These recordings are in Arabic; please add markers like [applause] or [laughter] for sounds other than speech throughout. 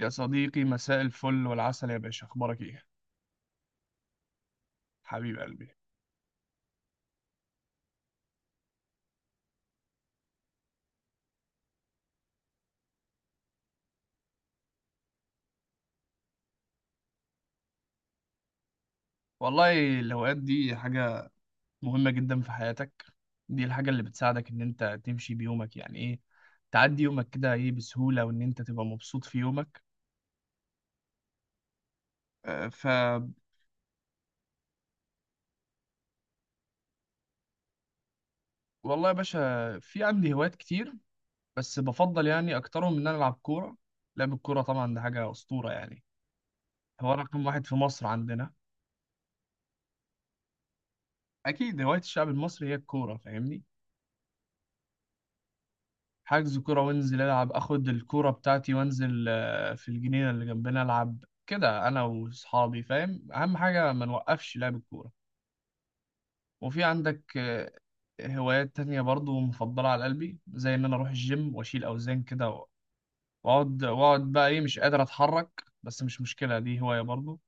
يا صديقي، مساء الفل والعسل يا باشا، اخبارك ايه؟ حبيب قلبي. والله الهوايات دي حاجة مهمة جدا في حياتك. دي الحاجة اللي بتساعدك ان انت تمشي بيومك، يعني ايه، تعدي يومك كده ايه بسهولة وان انت تبقى مبسوط في يومك. آه، ف والله يا باشا في عندي هوايات كتير، بس بفضل يعني اكترهم ان انا العب كورة. لعب الكورة طبعا ده حاجة اسطورة يعني، هو رقم واحد في مصر عندنا. اكيد هواية الشعب المصري هي الكورة، فاهمني؟ حجز كورة وانزل العب، اخد الكورة بتاعتي وانزل في الجنينة اللي جنبنا، العب كده انا واصحابي، فاهم؟ اهم حاجة ما نوقفش لعب الكورة. وفي عندك هوايات تانية برضو مفضلة على قلبي، زي ان انا اروح الجيم واشيل اوزان كده، واقعد واقعد بقى ايه مش قادر اتحرك، بس مش مشكلة دي هواية برضو.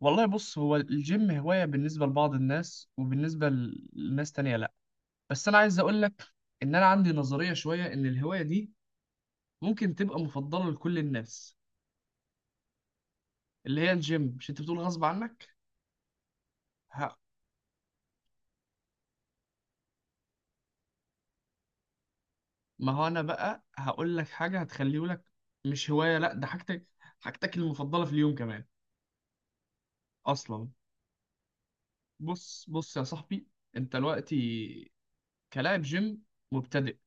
والله بص، هو الجيم هواية بالنسبة لبعض الناس، وبالنسبة لناس تانية لا. بس انا عايز اقول لك ان انا عندي نظرية شوية، ان الهواية دي ممكن تبقى مفضلة لكل الناس. اللي هي الجيم، مش انت بتقول غصب عنك؟ ها. ما هو انا بقى هقول لك حاجة هتخليه لك مش هواية، لا ده حاجتك، حاجتك المفضلة في اليوم كمان. اصلا بص بص يا صاحبي، انت دلوقتي كلاعب جيم مبتدئ،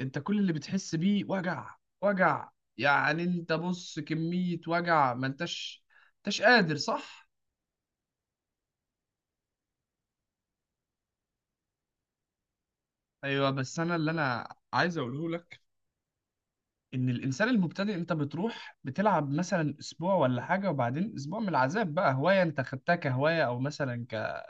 انت كل اللي بتحس بيه وجع وجع، يعني انت بص كمية وجع، ما انتش انتش قادر، صح؟ ايوه، بس انا اللي انا عايز اقوله لك، ان الانسان المبتدئ انت بتروح بتلعب مثلا اسبوع ولا حاجه، وبعدين اسبوع من العذاب بقى هوايه انت خدتها كهوايه، او مثلا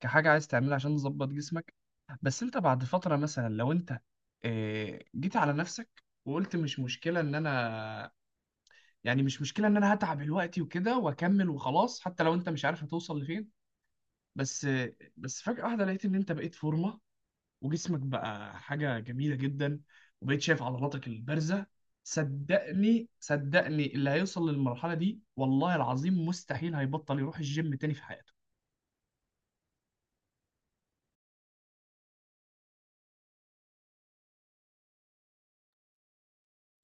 كحاجه عايز تعملها عشان تظبط جسمك. بس انت بعد فتره، مثلا لو انت جيت على نفسك وقلت مش مشكله ان انا، يعني مش مشكله ان انا هتعب دلوقتي وكده واكمل وخلاص، حتى لو انت مش عارف هتوصل لفين. بس بس فجاه واحده لقيت ان انت بقيت فورمه، وجسمك بقى حاجة جميلة جدا، وبقيت شايف عضلاتك البارزة. صدقني صدقني، اللي هيوصل للمرحلة دي والله العظيم مستحيل هيبطل يروح الجيم تاني في حياته.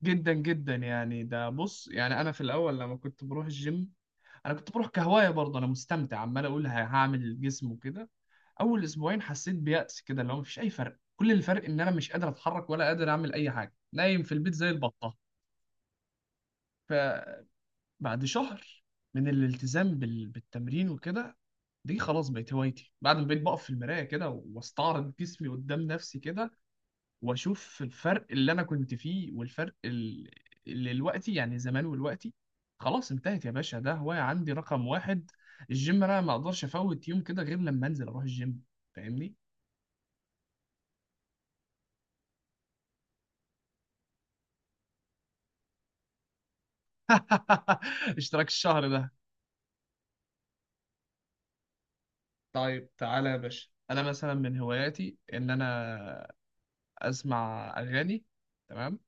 جدا جدا، يعني ده بص، يعني انا في الاول لما كنت بروح الجيم، انا كنت بروح كهواية برضه، انا مستمتع عمال اقول هعمل جسم وكده. اول اسبوعين حسيت بيأس كده، اللي هو مفيش اي فرق، كل الفرق ان انا مش قادر اتحرك ولا قادر اعمل اي حاجة، نايم في البيت زي البطة. بعد شهر من الالتزام بالتمرين وكده، دي خلاص بقت هوايتي، بعد ما بقيت بقف في المراية كده واستعرض جسمي قدام نفسي كده، واشوف الفرق اللي انا كنت فيه والفرق اللي دلوقتي، يعني زمان ودلوقتي. خلاص انتهت يا باشا، ده هواية عندي رقم واحد الجيم، انا ما اقدرش افوت يوم كده غير لما انزل اروح الجيم، فاهمني؟ [laughs] اشتراك الشهر ده. طيب تعالى يا باشا، انا مثلا من هواياتي ان انا اسمع اغاني. تمام.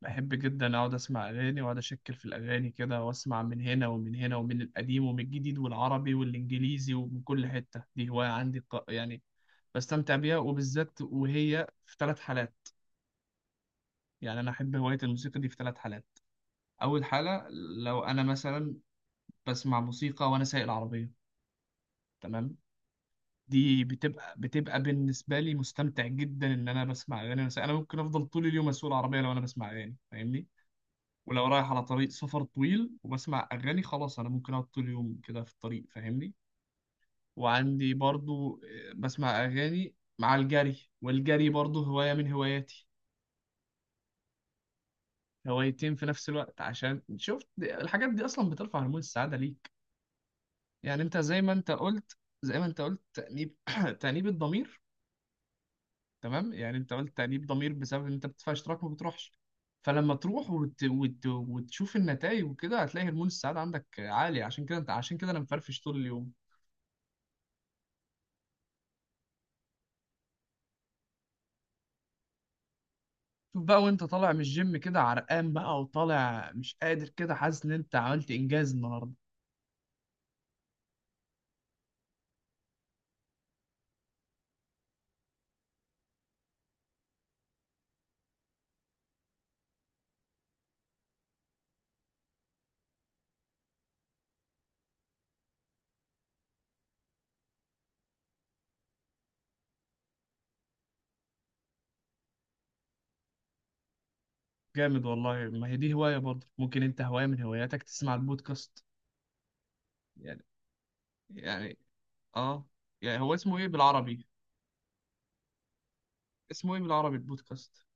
بحب جدا اقعد اسمع اغاني، واقعد اشكل في الاغاني كده، واسمع من هنا ومن هنا ومن القديم ومن الجديد والعربي والانجليزي ومن كل حته. دي هوايه عندي يعني بستمتع بيها، وبالذات وهي في ثلاث حالات. يعني انا احب هوايه الموسيقى دي في ثلاث حالات. اول حاله، لو انا مثلا بسمع موسيقى وانا سايق العربيه، تمام، دي بتبقى بالنسبه لي مستمتع جدا، ان انا بسمع اغاني وانا سايق. انا ممكن افضل طول اليوم اسوق العربيه لو انا بسمع اغاني، فاهمني؟ ولو رايح على طريق سفر طويل وبسمع أغاني، خلاص أنا ممكن أقعد طول اليوم كده في الطريق، فاهمني؟ وعندي برضو بسمع أغاني مع الجري، والجري برضو هواية من هواياتي. هوايتين في نفس الوقت، عشان شفت الحاجات دي أصلا بترفع هرمون السعادة ليك. يعني أنت زي ما أنت قلت تأنيب [clears throat] تأنيب الضمير. تمام، يعني أنت قلت تأنيب ضمير بسبب إن أنت بتدفع اشتراك ما بتروحش. فلما تروح وتشوف النتائج وكده، هتلاقي هرمون السعادة عندك عالي. عشان كده انا مفرفش طول اليوم. شوف بقى وانت طالع من الجيم كده عرقان بقى وطالع مش قادر كده، حاسس ان انت عملت انجاز النهارده. جامد والله. ما هي دي هواية برضه، ممكن انت هواية من هواياتك تسمع البودكاست. يعني يعني اه، يعني هو اسمه ايه بالعربي؟ اسمه ايه بالعربي البودكاست؟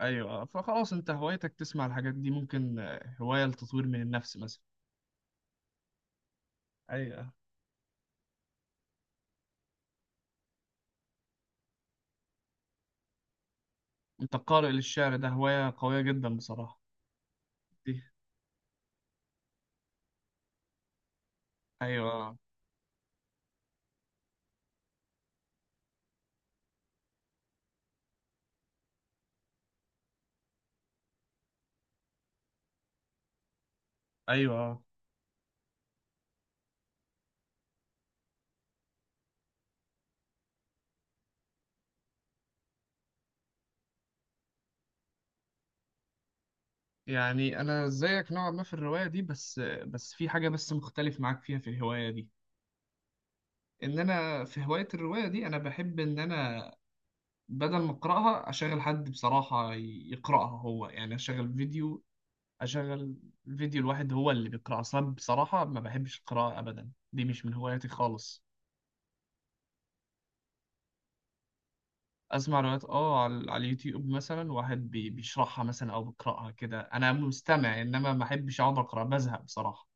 ايوه آه. فخلاص انت هوايتك تسمع الحاجات دي، ممكن هواية لتطوير من النفس مثلا. ايوه. انت قارئ للشعر؟ ده هواية قوية جدا بصراحة. دي ايوه آه. ايوه آه. يعني انا زيك نوعا ما في الروايه دي، بس بس في حاجه بس مختلف معاك فيها في الهوايه دي. ان انا في هوايه الروايه دي، انا بحب ان انا بدل ما اقراها، اشغل حد بصراحه يقراها هو، يعني اشغل فيديو. اشغل فيديو، الواحد هو اللي بيقرا، اصلا بصراحه ما بحبش القراءه ابدا، دي مش من هواياتي خالص. اسمع روايات، اه، على اليوتيوب مثلا، واحد بيشرحها مثلا او بيقراها كده، انا مستمع، انما ما احبش اقعد اقرا، بزهق بصراحه.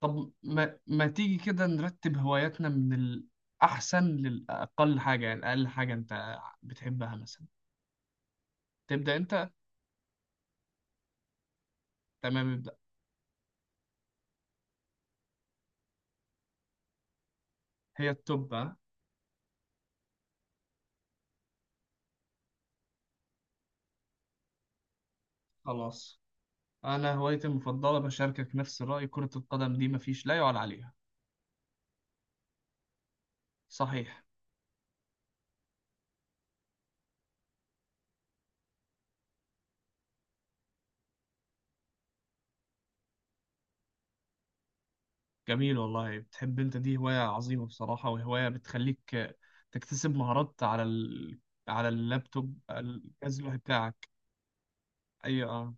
طب ما تيجي كده نرتب هواياتنا من الأحسن للأقل حاجة، يعني أقل حاجة أنت بتحبها مثلا. تبدأ أنت. تمام، ابدأ. هي التوب، ها؟ خلاص أنا هوايتي المفضلة بشاركك نفس الرأي، كرة القدم دي مفيش لا يعلى عليها. صحيح. جميل والله، بتحب أنت دي هواية عظيمة بصراحة، وهواية بتخليك تكتسب مهارات على على اللابتوب، الجهاز الواحد بتاعك. أيوة آه.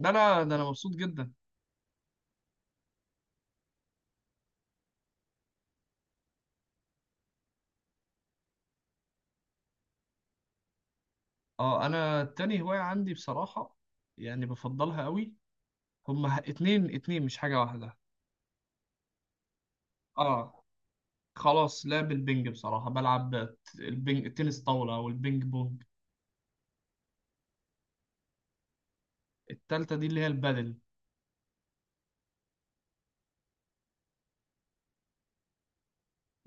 ده أنا مبسوط جدا. اه، انا تاني هواية عندي بصراحة، يعني بفضلها قوي، هما اتنين اتنين، مش حاجة واحدة. اه، خلاص، لعب البنج بصراحة، بلعب البنج تنس طاولة او البنج بونج. التالتة دي اللي هي البادل.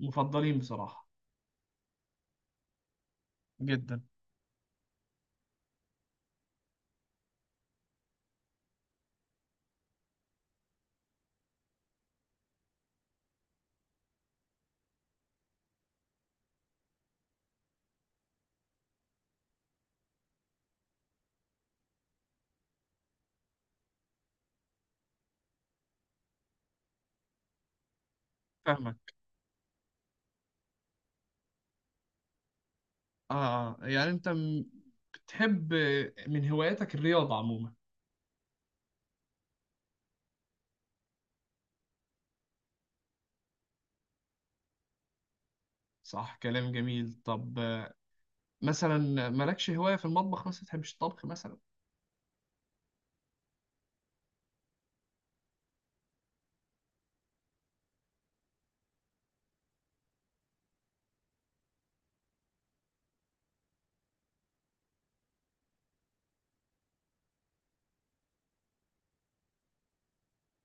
مفضلين بصراحة جدا. فاهمك. اه. يعني انت بتحب من هواياتك الرياضة عموما. صح، كلام جميل. طب مثلا مالكش هواية في المطبخ مثلا؟ تحبش الطبخ مثلا؟